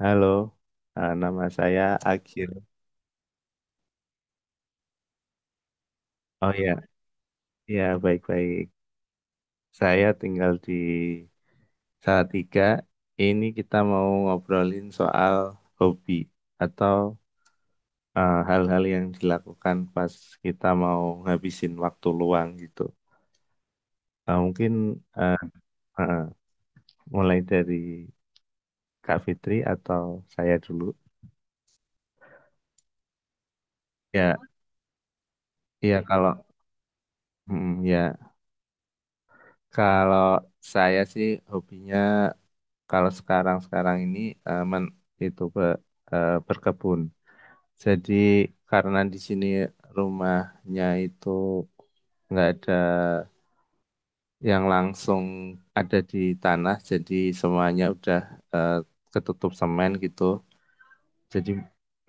Halo, nama saya Akhil. Oh ya, ya baik-baik. Saya tinggal di Salatiga. Ini kita mau ngobrolin soal hobi atau hal-hal yang dilakukan pas kita mau ngabisin waktu luang gitu. Mungkin eh, eh, mulai dari Kak Fitri atau saya dulu. Ya, iya kalau ya kalau saya sih hobinya kalau sekarang-sekarang ini eh, men- itu be- berkebun. Jadi karena di sini rumahnya itu nggak ada yang langsung ada di tanah, jadi semuanya udah eh, ketutup semen gitu. Jadi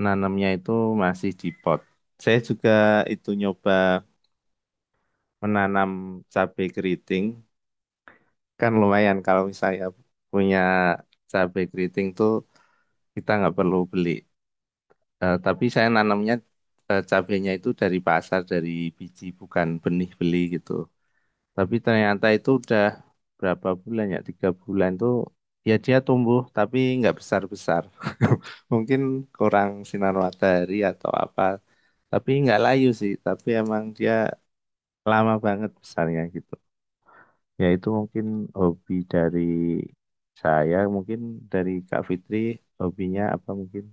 nanamnya itu masih di pot. Saya juga itu nyoba menanam cabai keriting. Kan lumayan kalau misalnya punya cabai keriting tuh kita nggak perlu beli. Eh, tapi saya nanamnya cabenya itu dari pasar, dari biji, bukan benih beli gitu. Tapi ternyata itu udah berapa bulan ya? Tiga bulan tuh ya dia tumbuh tapi nggak besar-besar. Mungkin kurang sinar matahari atau apa. Tapi nggak layu sih. Tapi emang dia lama banget besarnya gitu. Ya itu mungkin hobi dari saya, mungkin dari Kak Fitri hobinya apa mungkin?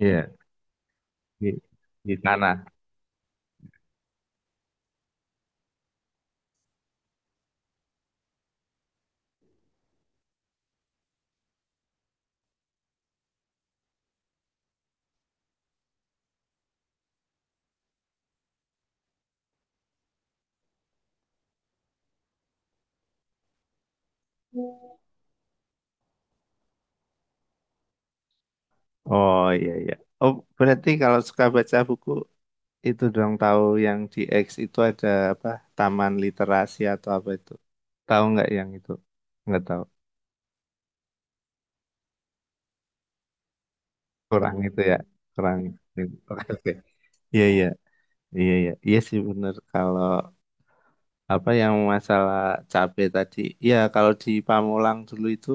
Iya, di, di tanah. Oh iya iya. Oh berarti kalau suka baca buku itu dong tahu yang di X itu ada apa Taman Literasi atau apa itu? Tahu nggak yang itu? Nggak tahu. Kurang itu ya. Kurang itu. Oke oke. Iya iya iya iya. Iya sih bener kalau apa yang masalah cabe tadi. Iya kalau di Pamulang dulu itu.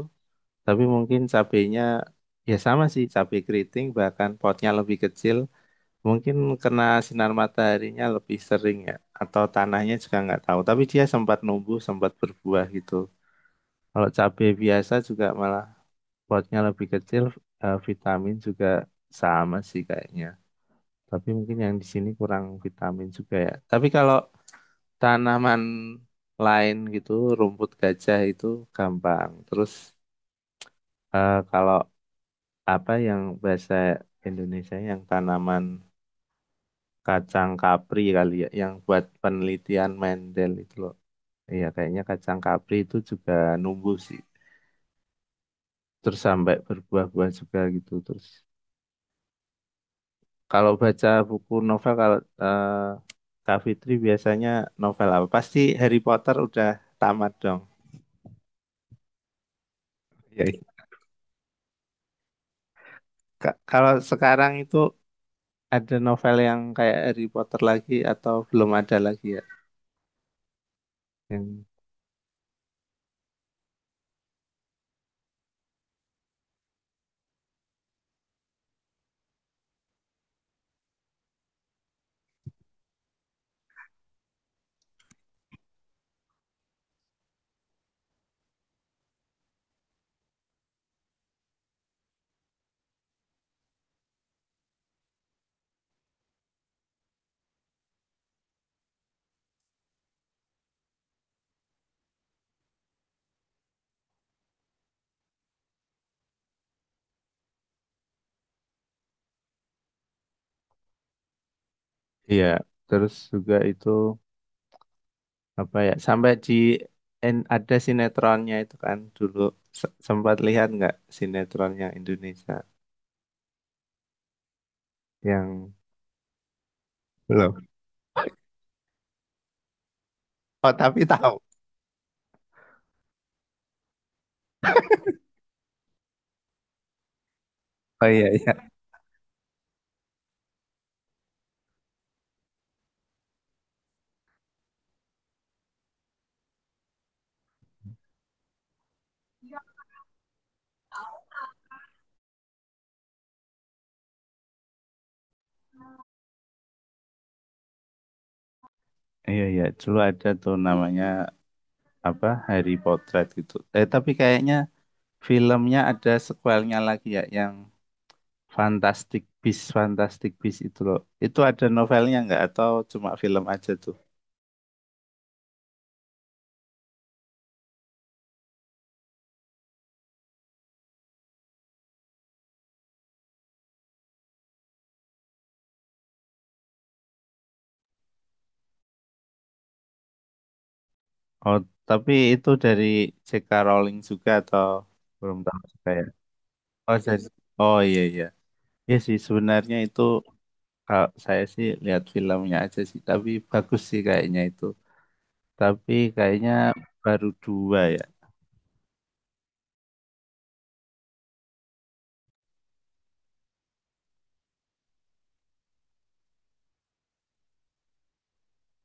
Tapi mungkin cabenya ya sama sih cabe keriting bahkan potnya lebih kecil. Mungkin kena sinar mataharinya lebih sering ya, atau tanahnya juga nggak tahu. Tapi dia sempat numbuh, sempat berbuah gitu. Kalau cabai biasa juga malah potnya lebih kecil, vitamin juga sama sih kayaknya. Tapi mungkin yang di sini kurang vitamin juga ya. Tapi kalau tanaman lain gitu, rumput gajah itu gampang. Terus kalau apa yang bahasa Indonesia yang tanaman kacang kapri kali ya, yang buat penelitian Mendel itu loh. Iya, kayaknya kacang kapri itu juga numbuh sih. Terus sampai berbuah-buah juga gitu. Terus kalau baca buku novel kalau Kak Fitri biasanya novel apa? Pasti Harry Potter udah tamat dong. Iya, iya. Kalau sekarang itu ada novel yang kayak Harry Potter lagi atau belum ada lagi ya? Yang- Iya, terus juga itu. Apa ya sampai di ada sinetronnya itu kan dulu sempat lihat nggak sinetronnya Indonesia yang belum. Oh tapi tahu. Oh iya iya. Iya, iya. Dulu ada tuh namanya apa Harry Potret gitu. Eh, tapi kayaknya filmnya ada sequelnya lagi ya, yang Fantastic Beasts, Fantastic Beasts itu loh. Itu ada novelnya nggak atau cuma film aja tuh? Oh, tapi itu dari J.K. Rowling juga atau belum tahu juga ya? Oh, saya, oh iya iya. Ya sih sebenarnya itu kalau saya sih lihat filmnya aja sih, tapi bagus sih kayaknya itu. Tapi kayaknya baru dua ya.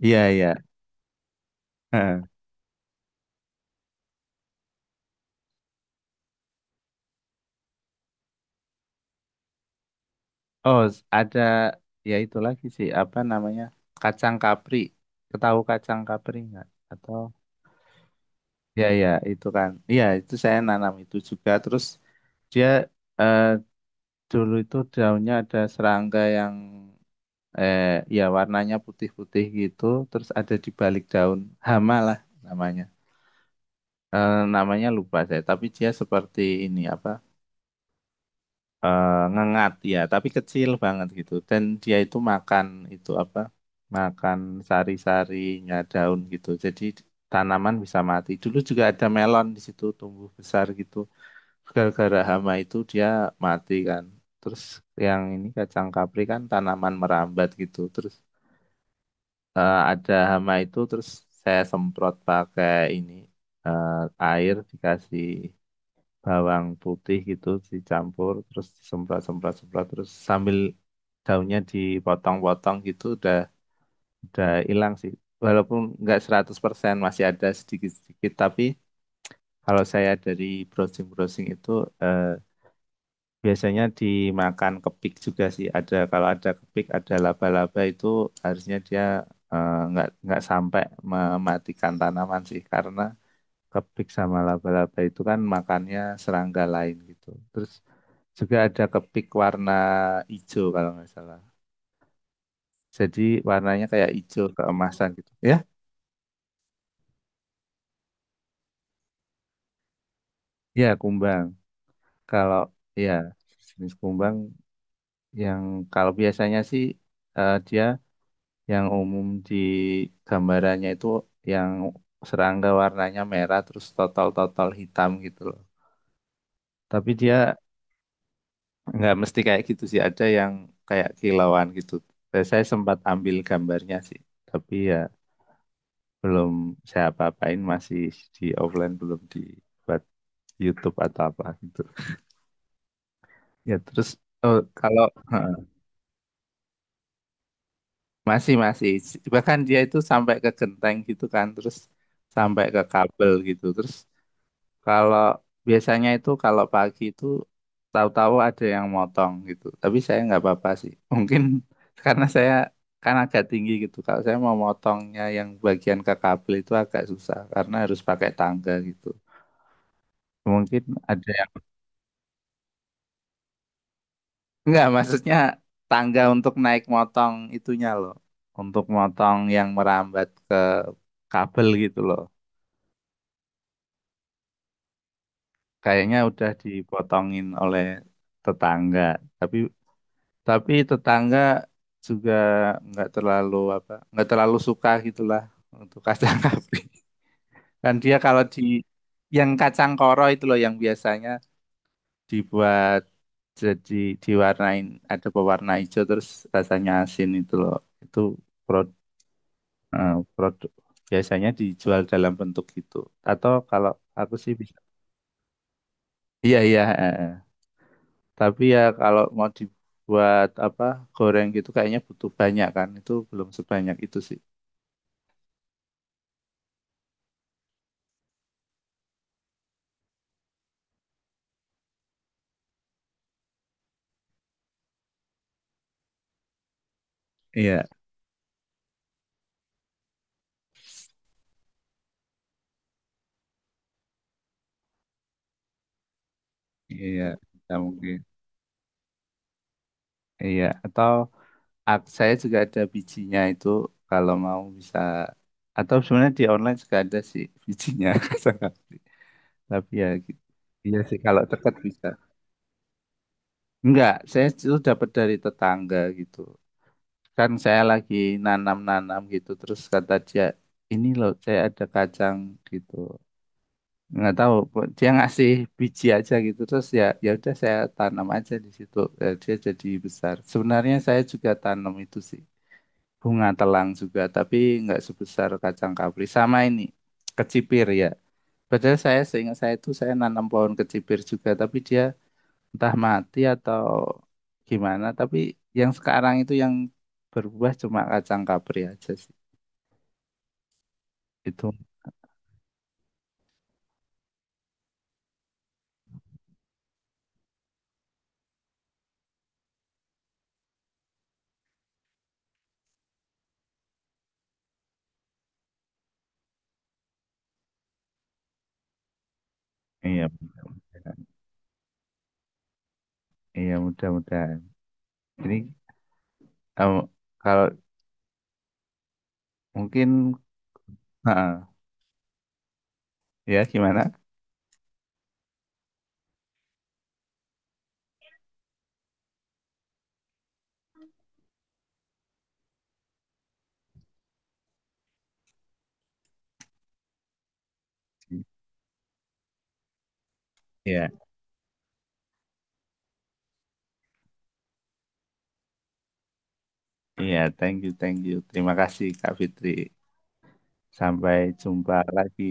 Iya iya. Heeh. Ada ya itu lagi sih apa namanya kacang kapri. Ketahu kacang kapri nggak? Atau ya ya itu kan. Iya itu saya nanam itu juga. Terus dia eh, dulu itu daunnya ada serangga yang eh ya warnanya putih-putih gitu terus ada di balik daun, hama lah namanya. Eh, namanya lupa saya tapi dia seperti ini apa eh, ngengat ya tapi kecil banget gitu dan dia itu makan itu apa makan sari-sarinya daun gitu, jadi tanaman bisa mati. Dulu juga ada melon di situ tumbuh besar gitu gara-gara hama itu dia mati kan. Terus yang ini kacang kapri kan tanaman merambat gitu, terus ada hama itu, terus saya semprot pakai ini eh, air dikasih bawang putih gitu dicampur terus disemprot semprot semprot terus sambil daunnya dipotong-potong gitu udah hilang sih, walaupun nggak 100% masih ada sedikit-sedikit. Tapi kalau saya dari browsing-browsing itu, eh, biasanya dimakan kepik juga sih. Ada kalau ada kepik, ada laba-laba itu harusnya dia nggak sampai mematikan tanaman sih, karena kepik sama laba-laba itu kan makannya serangga lain gitu. Terus juga ada kepik warna hijau kalau nggak salah. Jadi warnanya kayak hijau keemasan gitu. Ya, ya kumbang. Kalau ya jenis kumbang yang kalau biasanya sih dia yang umum di gambarannya itu yang serangga warnanya merah terus total-total hitam gitu loh. Tapi dia nggak mesti kayak gitu sih, ada yang kayak kilauan gitu. Dan saya sempat ambil gambarnya sih, tapi ya belum saya apa-apain, masih di offline, belum dibuat YouTube atau apa gitu. Ya terus oh, kalau heeh, masih masih, bahkan dia itu sampai ke genteng gitu kan, terus sampai ke kabel gitu, terus kalau biasanya itu kalau pagi itu tahu-tahu ada yang motong gitu. Tapi saya nggak apa-apa sih. Mungkin karena saya kan agak tinggi gitu. Kalau saya mau motongnya yang bagian ke kabel itu agak susah karena harus pakai tangga gitu. Mungkin ada yang nggak, maksudnya tangga untuk naik motong itunya loh. Untuk motong yang merambat ke kabel gitu loh. Kayaknya udah dipotongin oleh tetangga. Tapi Tapi tetangga juga nggak terlalu apa, nggak terlalu suka gitulah untuk kacang kapril. Dan dia kalau di yang kacang koro itu loh yang biasanya dibuat jadi diwarnain ada pewarna hijau terus rasanya asin itu loh. Itu produk, produk biasanya dijual dalam bentuk gitu. Atau kalau aku sih bisa. Iya iya. Eh. Tapi ya kalau mau dibuat apa goreng gitu kayaknya butuh banyak kan. Itu belum sebanyak itu sih. Iya, iya, bisa mungkin. Iya, atau saya juga ada bijinya itu kalau mau bisa, atau sebenarnya di online juga ada sih bijinya. Saya nggak beli. Tapi ya gitu. Iya sih kalau dekat bisa. Enggak, saya itu dapat dari tetangga gitu. Kan saya lagi nanam-nanam gitu terus kata dia ini loh saya ada kacang gitu. Nggak tahu dia ngasih biji aja gitu terus ya ya udah saya tanam aja di situ. Eh, dia jadi besar. Sebenarnya saya juga tanam itu sih, bunga telang juga, tapi nggak sebesar kacang kapri sama ini kecipir ya, padahal saya seingat saya itu saya nanam pohon kecipir juga tapi dia entah mati atau gimana, tapi yang sekarang itu yang berbuah cuma kacang kapri aja sih itu. Iya mudah-mudahan. Iya mudah-mudahan ini kalau kalau mungkin. Heeh. Ya, gimana? Ya, iya, thank you, thank you. Terima kasih, Kak Fitri. Sampai jumpa lagi.